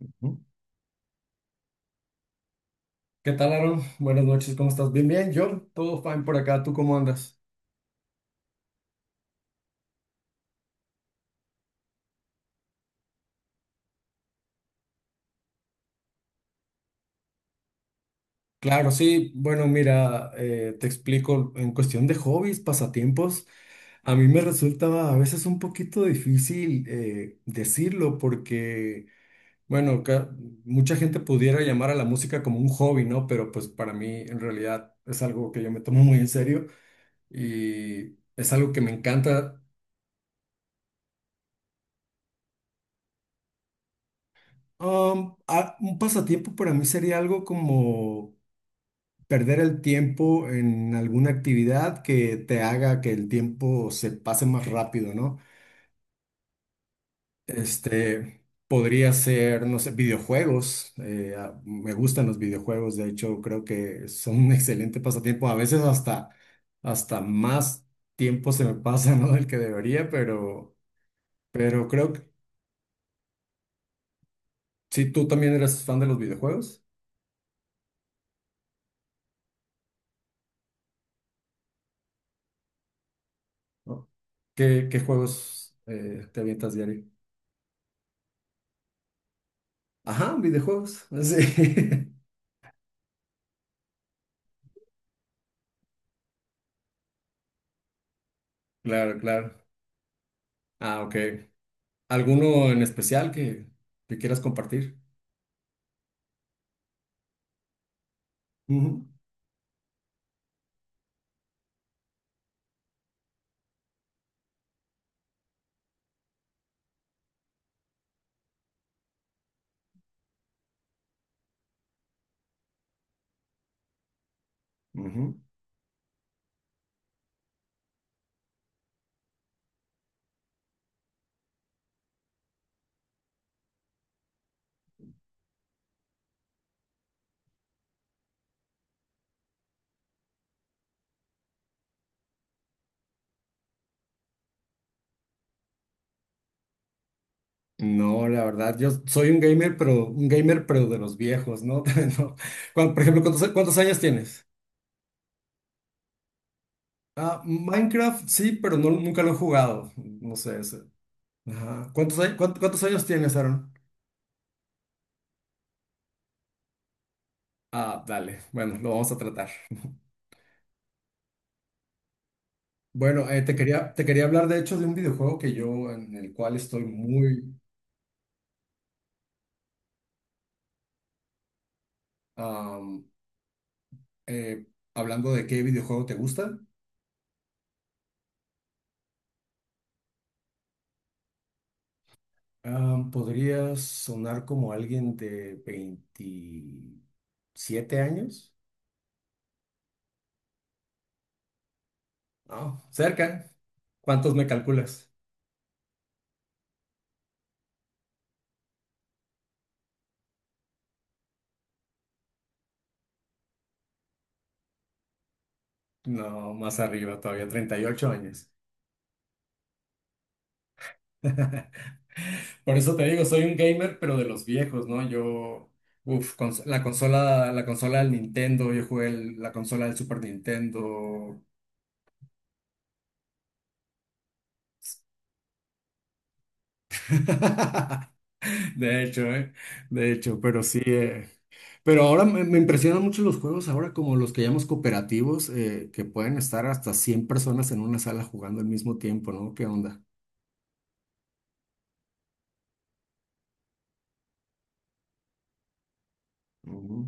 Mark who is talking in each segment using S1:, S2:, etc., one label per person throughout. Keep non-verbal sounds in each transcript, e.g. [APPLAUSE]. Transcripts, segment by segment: S1: ¿Qué tal, Aaron? Buenas noches, ¿cómo estás? Bien, bien, yo, todo fine por acá, ¿tú cómo andas? Claro, sí, bueno, mira, te explico, en cuestión de hobbies, pasatiempos, a mí me resulta a veces un poquito difícil decirlo porque, bueno, mucha gente pudiera llamar a la música como un hobby, ¿no? Pero pues para mí en realidad es algo que yo me tomo muy en serio y es algo que me encanta. Un pasatiempo para mí sería algo como perder el tiempo en alguna actividad que te haga que el tiempo se pase más rápido, ¿no? Este, podría ser, no sé, videojuegos. Me gustan los videojuegos, de hecho, creo que son un excelente pasatiempo. A veces hasta, hasta más tiempo se me pasa, ¿no? Del que debería, pero creo que sí, tú también eres fan de los videojuegos, ¿no? ¿Qué juegos te avientas diario? Ajá, videojuegos. [LAUGHS] Sí. Claro, claro. Ah, ok. ¿Alguno en especial que quieras compartir? Ujú, ujú. No, la verdad, yo soy un gamer, pero de los viejos, ¿no? [LAUGHS] No. Por ejemplo, ¿cuántos años tienes? Ah, Minecraft sí, pero no, nunca lo he jugado. No sé ese. Ajá. Cuántos años tienes, Aaron? Ah, dale. Bueno, lo vamos a tratar. Bueno, te quería hablar de hecho de un videojuego que yo, en el cual estoy muy, am, eh, hablando de qué videojuego te gusta. Ah, podría sonar como alguien de 27 años. No, cerca. ¿Cuántos me calculas? No, más arriba, todavía 38 años. Por eso te digo, soy un gamer, pero de los viejos, ¿no? Yo, uff, la consola del Nintendo, yo jugué la consola del Super Nintendo. [LAUGHS] De hecho, ¿eh? De hecho, pero sí. Pero ahora me, me impresionan mucho los juegos, ahora como los que llamamos cooperativos, que pueden estar hasta 100 personas en una sala jugando al mismo tiempo, ¿no? ¿Qué onda? Ujú.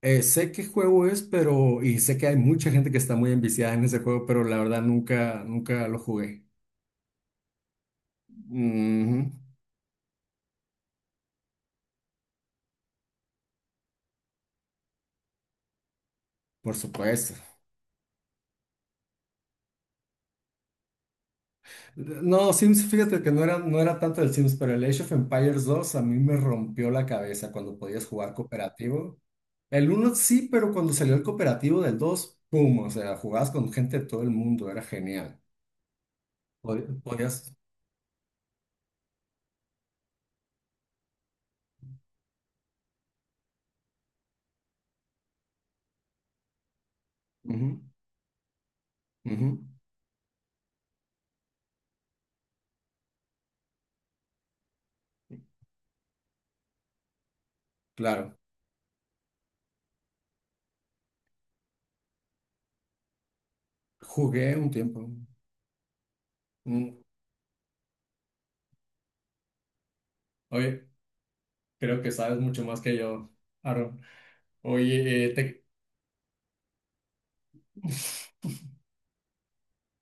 S1: Sé qué juego es, pero, y sé que hay mucha gente que está muy enviciada en ese juego, pero la verdad nunca, nunca lo jugué. Ujú, por supuesto. No, Sims, fíjate que no era, no era tanto el Sims, pero el Age of Empires 2 a mí me rompió la cabeza cuando podías jugar cooperativo. El uno sí, pero cuando salió el cooperativo del 2, ¡pum! O sea, jugabas con gente de todo el mundo, era genial. Podías... Ujú, ujú, claro, jugué un tiempo. Mm, oye, creo que sabes mucho más que yo, Aaron. Oye, te... [LAUGHS]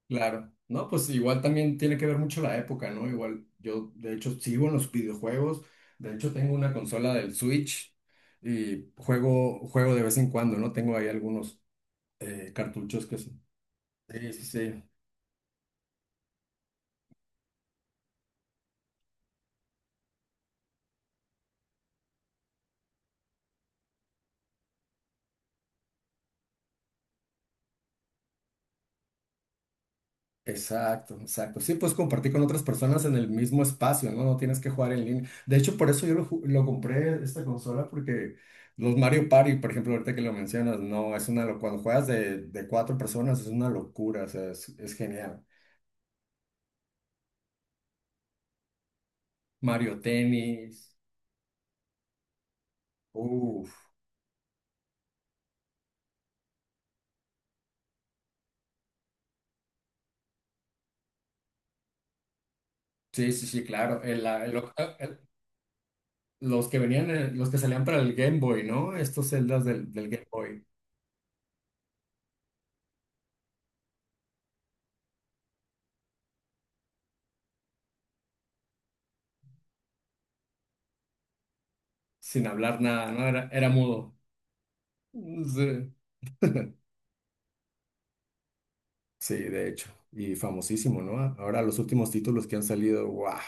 S1: Claro, no, pues igual también tiene que ver mucho la época, ¿no? Igual yo, de hecho, sigo en los videojuegos, de hecho tengo una consola del Switch y juego, juego de vez en cuando, ¿no? Tengo ahí algunos cartuchos que son. Sí, sí, sí. Exacto, exacto. Sí, pues compartir con otras personas en el mismo espacio, ¿no? No tienes que jugar en línea. De hecho, por eso yo lo compré esta consola, porque los Mario Party, por ejemplo, ahorita que lo mencionas, no, es una locura. Cuando juegas de cuatro personas es una locura, o sea, es genial. Mario Tennis. Uf. Sí, sí, sí, claro. Los que venían, los que salían para el Game Boy, ¿no? Estos celdas del, del Game Boy, sin hablar nada, ¿no? Era, era mudo. Sí. [LAUGHS] Sí, de hecho. Y famosísimo, ¿no? Ahora los últimos títulos que han salido, ¡guau!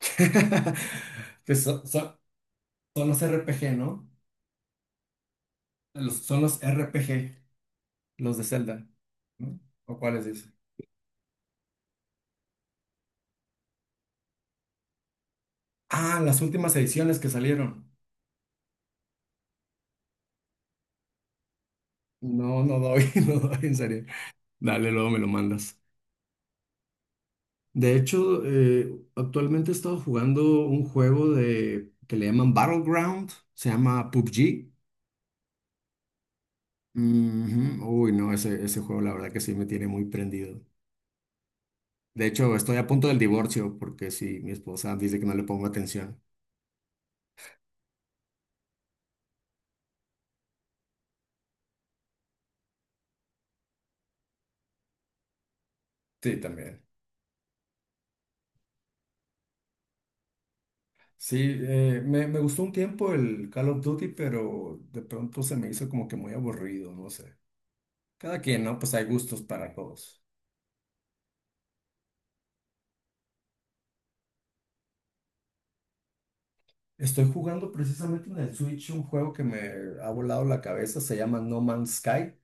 S1: [LAUGHS] Que son, son los RPG, ¿no? Son los RPG, los de Zelda, ¿no? ¿O cuáles dice? Ah, las últimas ediciones que salieron. No, no doy, [LAUGHS] no doy, en serio. Dale, luego me lo mandas. De hecho, actualmente he estado jugando un juego de que le llaman Battleground, se llama PUBG. Ujú. Uy, no, ese juego la verdad que sí me tiene muy prendido. De hecho, estoy a punto del divorcio porque sí, mi esposa dice que no le pongo atención. Sí, también. Sí, me, me gustó un tiempo el Call of Duty, pero de pronto se me hizo como que muy aburrido, no sé. Cada quien, ¿no? Pues hay gustos para todos. Estoy jugando precisamente en el Switch un juego que me ha volado la cabeza, se llama No Man's Sky.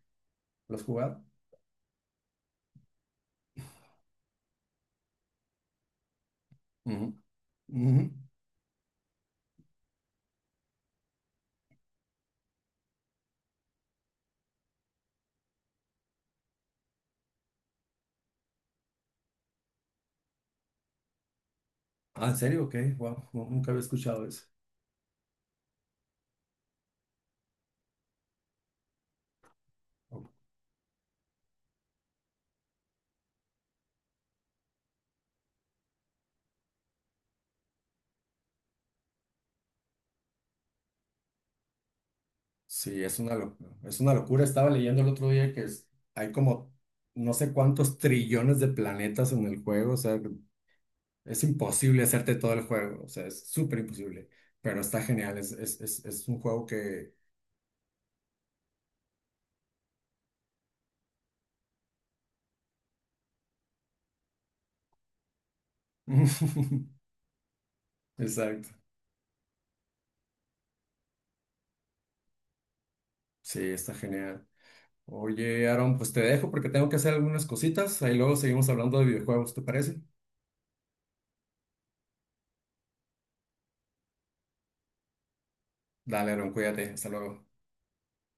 S1: ¿Lo has jugado? Ujú, ujú. Ah, ¿en serio? Ok, wow, nunca había escuchado eso. Sí, es una locura. Es una locura. Estaba leyendo el otro día que hay como no sé cuántos trillones de planetas en el juego. O sea, es imposible hacerte todo el juego. O sea, es súper imposible. Pero está genial. Es un juego que. [LAUGHS] Exacto. Sí, está genial. Oye, Aaron, pues te dejo porque tengo que hacer algunas cositas. Ahí luego seguimos hablando de videojuegos, ¿te parece? Dale, Aaron, cuídate. Hasta luego.